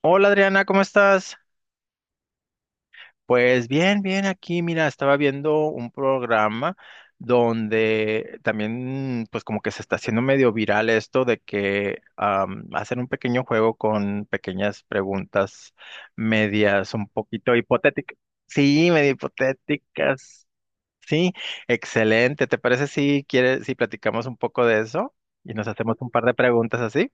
Hola Adriana, ¿cómo estás? Pues bien, bien aquí, mira, estaba viendo un programa donde también pues como que se está haciendo medio viral esto de que hacen un pequeño juego con pequeñas preguntas medias un poquito hipotéticas. Sí, medio hipotéticas. Sí, excelente. ¿Te parece si quieres, si platicamos un poco de eso y nos hacemos un par de preguntas así?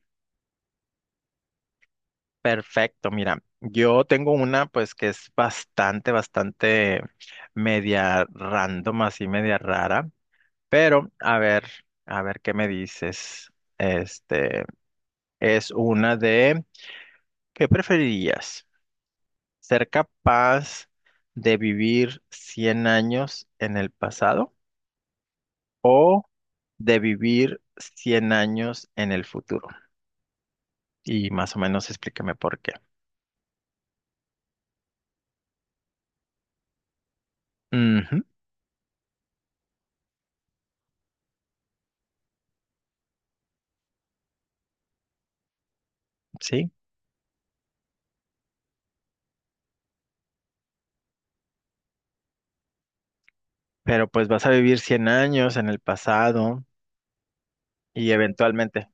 Perfecto, mira, yo tengo una pues que es bastante, bastante media random, así media rara, pero a ver qué me dices. Este es una de, ¿Qué preferirías? ¿Ser capaz de vivir 100 años en el pasado o de vivir 100 años en el futuro? Y más o menos explícame por qué. Ujú, sí, pero pues vas a vivir 100 años en el pasado y eventualmente,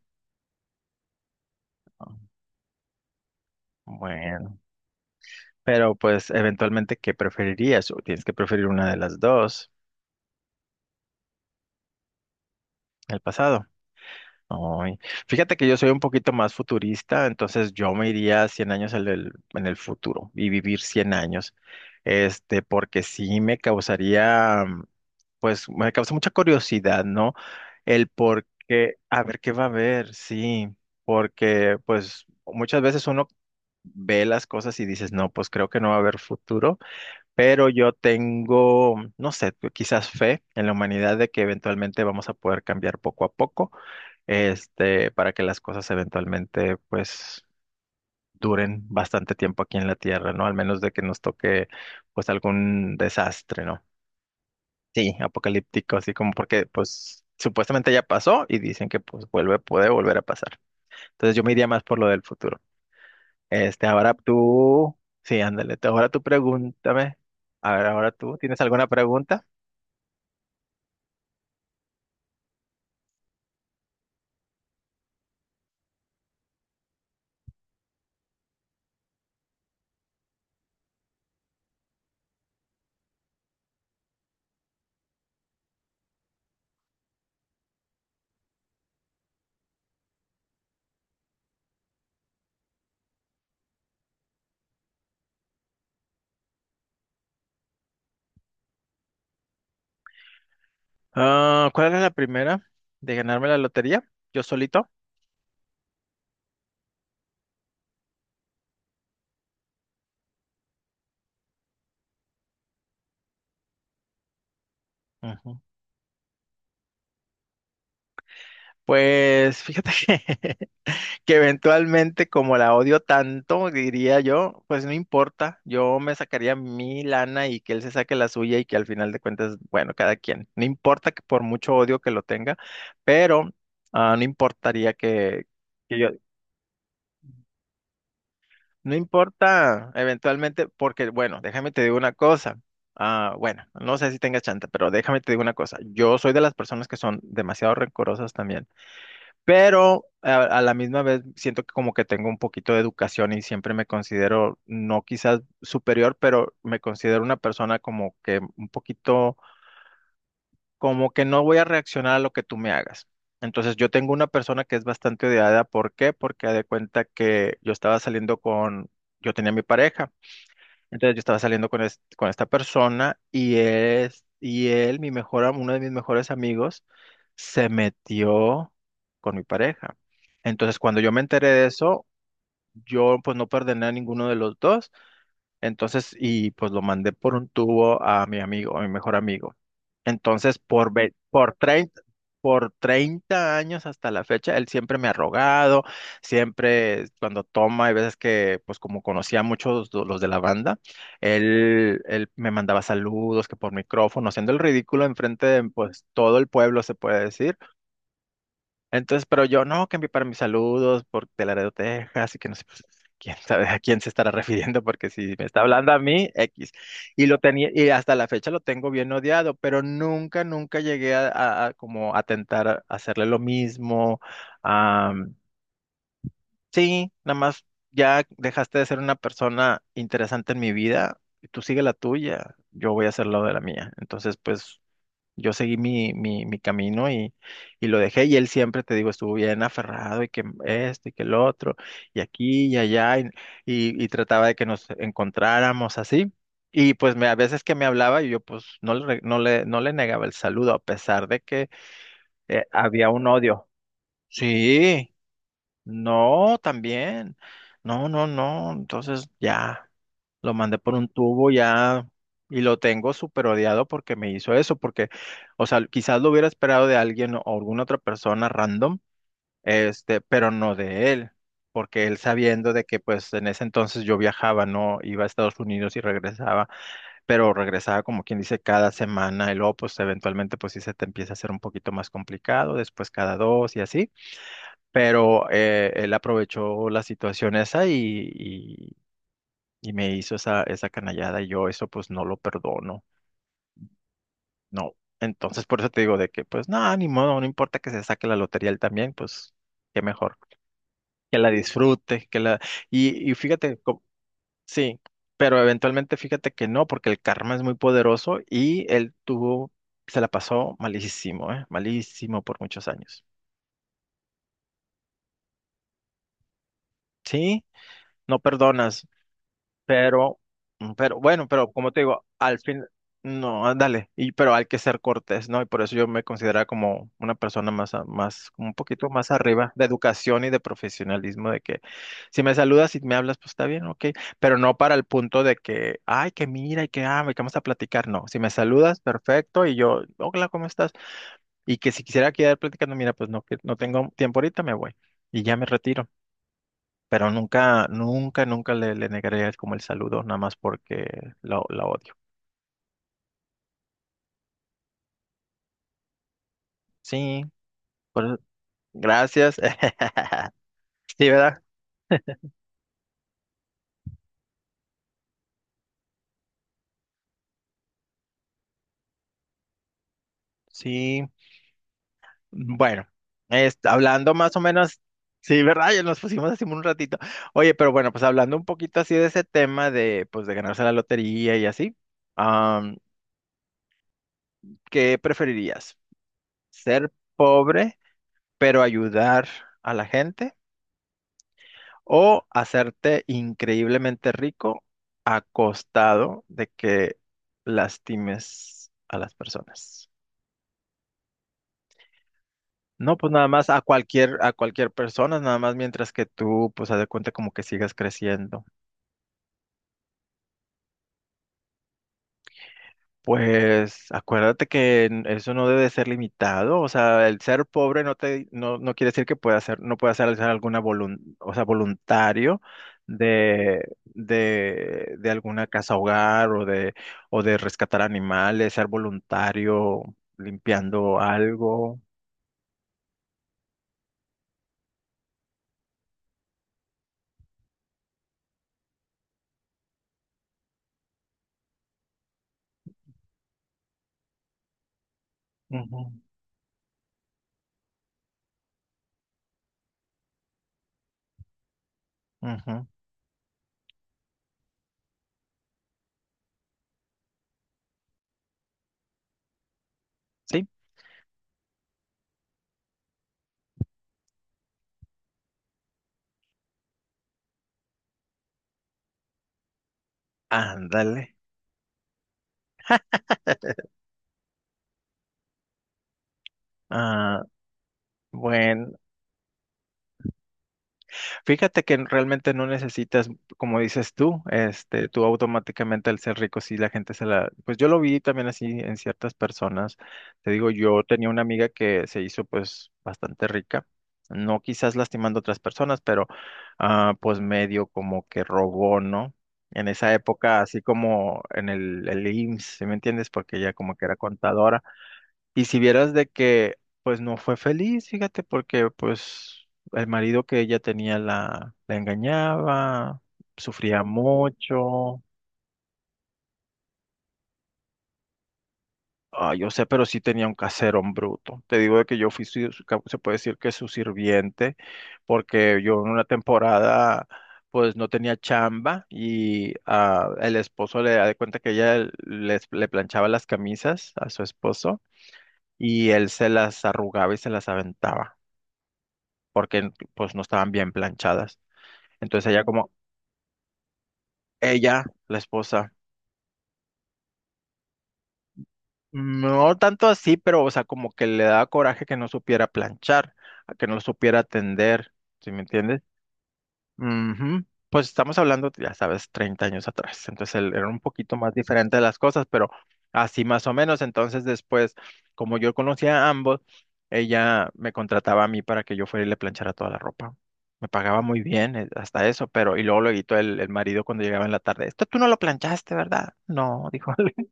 ah, bueno, pero pues eventualmente, ¿qué preferirías? O tienes que preferir una de las dos, el pasado. Ay, fíjate que yo soy un poquito más futurista, entonces yo me iría 100 años en en el futuro y vivir 100 años, porque sí me causaría, pues me causa mucha curiosidad, ¿no? El por qué, a ver qué va a haber, sí, porque pues muchas veces uno ve las cosas y dices, no, pues creo que no va a haber futuro, pero yo tengo, no sé, quizás fe en la humanidad de que eventualmente vamos a poder cambiar poco a poco, para que las cosas eventualmente, pues, duren bastante tiempo aquí en la Tierra, ¿no? Al menos de que nos toque, pues, algún desastre, ¿no? Sí, apocalíptico, así como porque, pues, supuestamente ya pasó y dicen que, pues, vuelve, puede volver a pasar. Entonces yo me iría más por lo del futuro. Ahora tú, sí, ándale, ahora tú pregúntame. A ver, ahora tú, ¿tienes alguna pregunta? ¿Cuál es la primera de ganarme la lotería? ¿Yo solito? Ujú. Pues fíjate que, que eventualmente como la odio tanto, diría yo, pues no importa, yo me sacaría mi lana y que él se saque la suya y que al final de cuentas, bueno, cada quien, no importa que por mucho odio que lo tenga, pero no importaría que yo, no importa, eventualmente, porque, bueno, déjame te digo una cosa. Bueno, no sé si tengas chanta, pero déjame te digo una cosa. Yo soy de las personas que son demasiado rencorosas también, pero a la misma vez siento que como que tengo un poquito de educación y siempre me considero, no quizás superior, pero me considero una persona como que un poquito, como que no voy a reaccionar a lo que tú me hagas. Entonces yo tengo una persona que es bastante odiada. ¿Por qué? Porque haz de cuenta que yo estaba saliendo con, yo tenía mi pareja. Entonces yo estaba saliendo con, con esta persona y él, mi mejor, uno de mis mejores amigos, se metió con mi pareja. Entonces cuando yo me enteré de eso, yo pues no perdoné a ninguno de los dos entonces, y pues lo mandé por un tubo a mi amigo, a mi mejor amigo. Entonces, por por 30 años hasta la fecha, él siempre me ha rogado, siempre cuando toma, hay veces que, pues como conocía a muchos de los de la banda, él me mandaba saludos, que por micrófono, haciendo el ridículo enfrente de, pues, todo el pueblo, se puede decir. Entonces, pero yo no, que envié para mis saludos por de Laredo, Texas, y que no sé, pues, quién sabe a quién se estará refiriendo, porque si me está hablando a mí, X. Y lo tenía, y hasta la fecha lo tengo bien odiado, pero nunca, nunca llegué a como a tentar hacerle lo mismo. Am, sí, nada más ya dejaste de ser una persona interesante en mi vida, y tú sigue la tuya, yo voy a hacer lo de la mía. Entonces, pues. Yo seguí mi camino y lo dejé y él siempre, te digo, estuvo bien aferrado y que esto y que el otro y aquí y allá y, y trataba de que nos encontráramos así. Y pues me, a veces que me hablaba y yo pues no le, re- no le, no le negaba el saludo a pesar de que había un odio. Sí, no, también. No, no, no. Entonces ya lo mandé por un tubo ya y lo tengo súper odiado porque me hizo eso, porque, o sea, quizás lo hubiera esperado de alguien o alguna otra persona random, pero no de él, porque él sabiendo de que pues en ese entonces yo viajaba, no iba a Estados Unidos y regresaba, pero regresaba como quien dice cada semana y luego pues eventualmente pues sí se te empieza a hacer un poquito más complicado, después cada dos y así pero él aprovechó la situación esa y, y- y me hizo esa, esa canallada y yo eso pues no lo perdono, no. Entonces por eso te digo de que pues no, ni modo, no importa que se saque la lotería él también, pues qué mejor, que la disfrute, que la... Y, y fíjate, sí, pero eventualmente fíjate que no, porque el karma es muy poderoso y él tuvo, se la pasó malísimo, ¿eh? Malísimo por muchos años. Sí, no perdonas. Pero, pero bueno, pero como te digo, al fin, no, ándale y, pero hay que ser cortés, ¿no? Y por eso yo me considero como una persona más, más, como un poquito más arriba de educación y de profesionalismo, de que si me saludas y me hablas, pues está bien, ok, pero no para el punto de que, ay, que mira y que, que vamos a platicar, no, si me saludas, perfecto, y yo, hola, ¿cómo estás? Y que si quisiera quedar platicando, mira, pues no, que no tengo tiempo ahorita, me voy y ya me retiro. Pero nunca, nunca, nunca le, le negaré como el saludo, nada más porque la odio. Sí, por- gracias. Sí, ¿verdad? Sí. Bueno, hablando más o menos, sí, ¿verdad? Ya nos pusimos así un ratito. Oye, pero bueno, pues hablando un poquito así de ese tema de, pues, de ganarse la lotería y así, am, ¿qué preferirías? ¿Ser pobre, pero ayudar a la gente o hacerte increíblemente rico a costado de que lastimes a las personas? No, pues nada más a cualquier persona, nada más mientras que tú, pues haz de cuenta como que sigas creciendo. Pues acuérdate que eso no debe ser limitado, o sea, el ser pobre no, no quiere decir que pueda ser no puedas hacer alguna o sea, voluntario de alguna casa hogar o de rescatar animales, ser voluntario limpiando algo. Ujú, ujú. Sí, ándale. Ah, bueno. Fíjate que realmente no necesitas, como dices tú, tú automáticamente al ser rico, sí, la gente se la, pues yo lo vi también así en ciertas personas. Te digo, yo tenía una amiga que se hizo pues bastante rica, no quizás lastimando a otras personas, pero pues medio como que robó, ¿no? En esa época, así como en el IMSS, ¿sí me entiendes? Porque ella como que era contadora. Y si vieras de que, pues no fue feliz, fíjate, porque pues el marido que ella tenía la engañaba, sufría mucho. Ah, yo sé, pero sí tenía un caserón bruto. Te digo de que yo fui, se puede decir que su sirviente, porque yo en una temporada, pues no tenía chamba y el esposo le da de cuenta que ella le planchaba las camisas a su esposo y él se las arrugaba y se las aventaba. Porque pues no estaban bien planchadas. Entonces ella como, ella, la esposa, no tanto así, pero o sea, como que le daba coraje que no supiera planchar, a que no supiera tender, ¿sí me entiendes? Ujú. Pues estamos hablando, ya sabes, 30 años atrás. Entonces era un poquito más diferente de las cosas, pero así más o menos. Entonces después, como yo conocía a ambos, ella me contrataba a mí para que yo fuera y le planchara toda la ropa. Me pagaba muy bien hasta eso, pero y luego lo editó el marido cuando llegaba en la tarde. Esto tú no lo planchaste, ¿verdad? No, dijo él.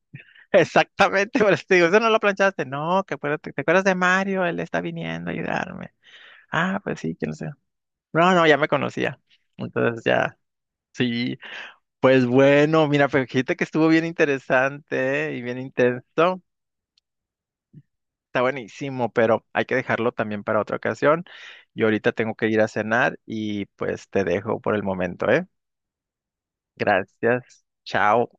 Exactamente, por eso te digo, eso no lo planchaste. No, que te acuerdas de Mario, él está viniendo a ayudarme. Ah, pues sí, que no sé. No, no, ya me conocía. Entonces ya sí, pues bueno, mira, pues fíjate que estuvo bien interesante y bien intenso. Está buenísimo, pero hay que dejarlo también para otra ocasión. Yo ahorita tengo que ir a cenar y pues te dejo por el momento, ¿eh? Gracias. Chao.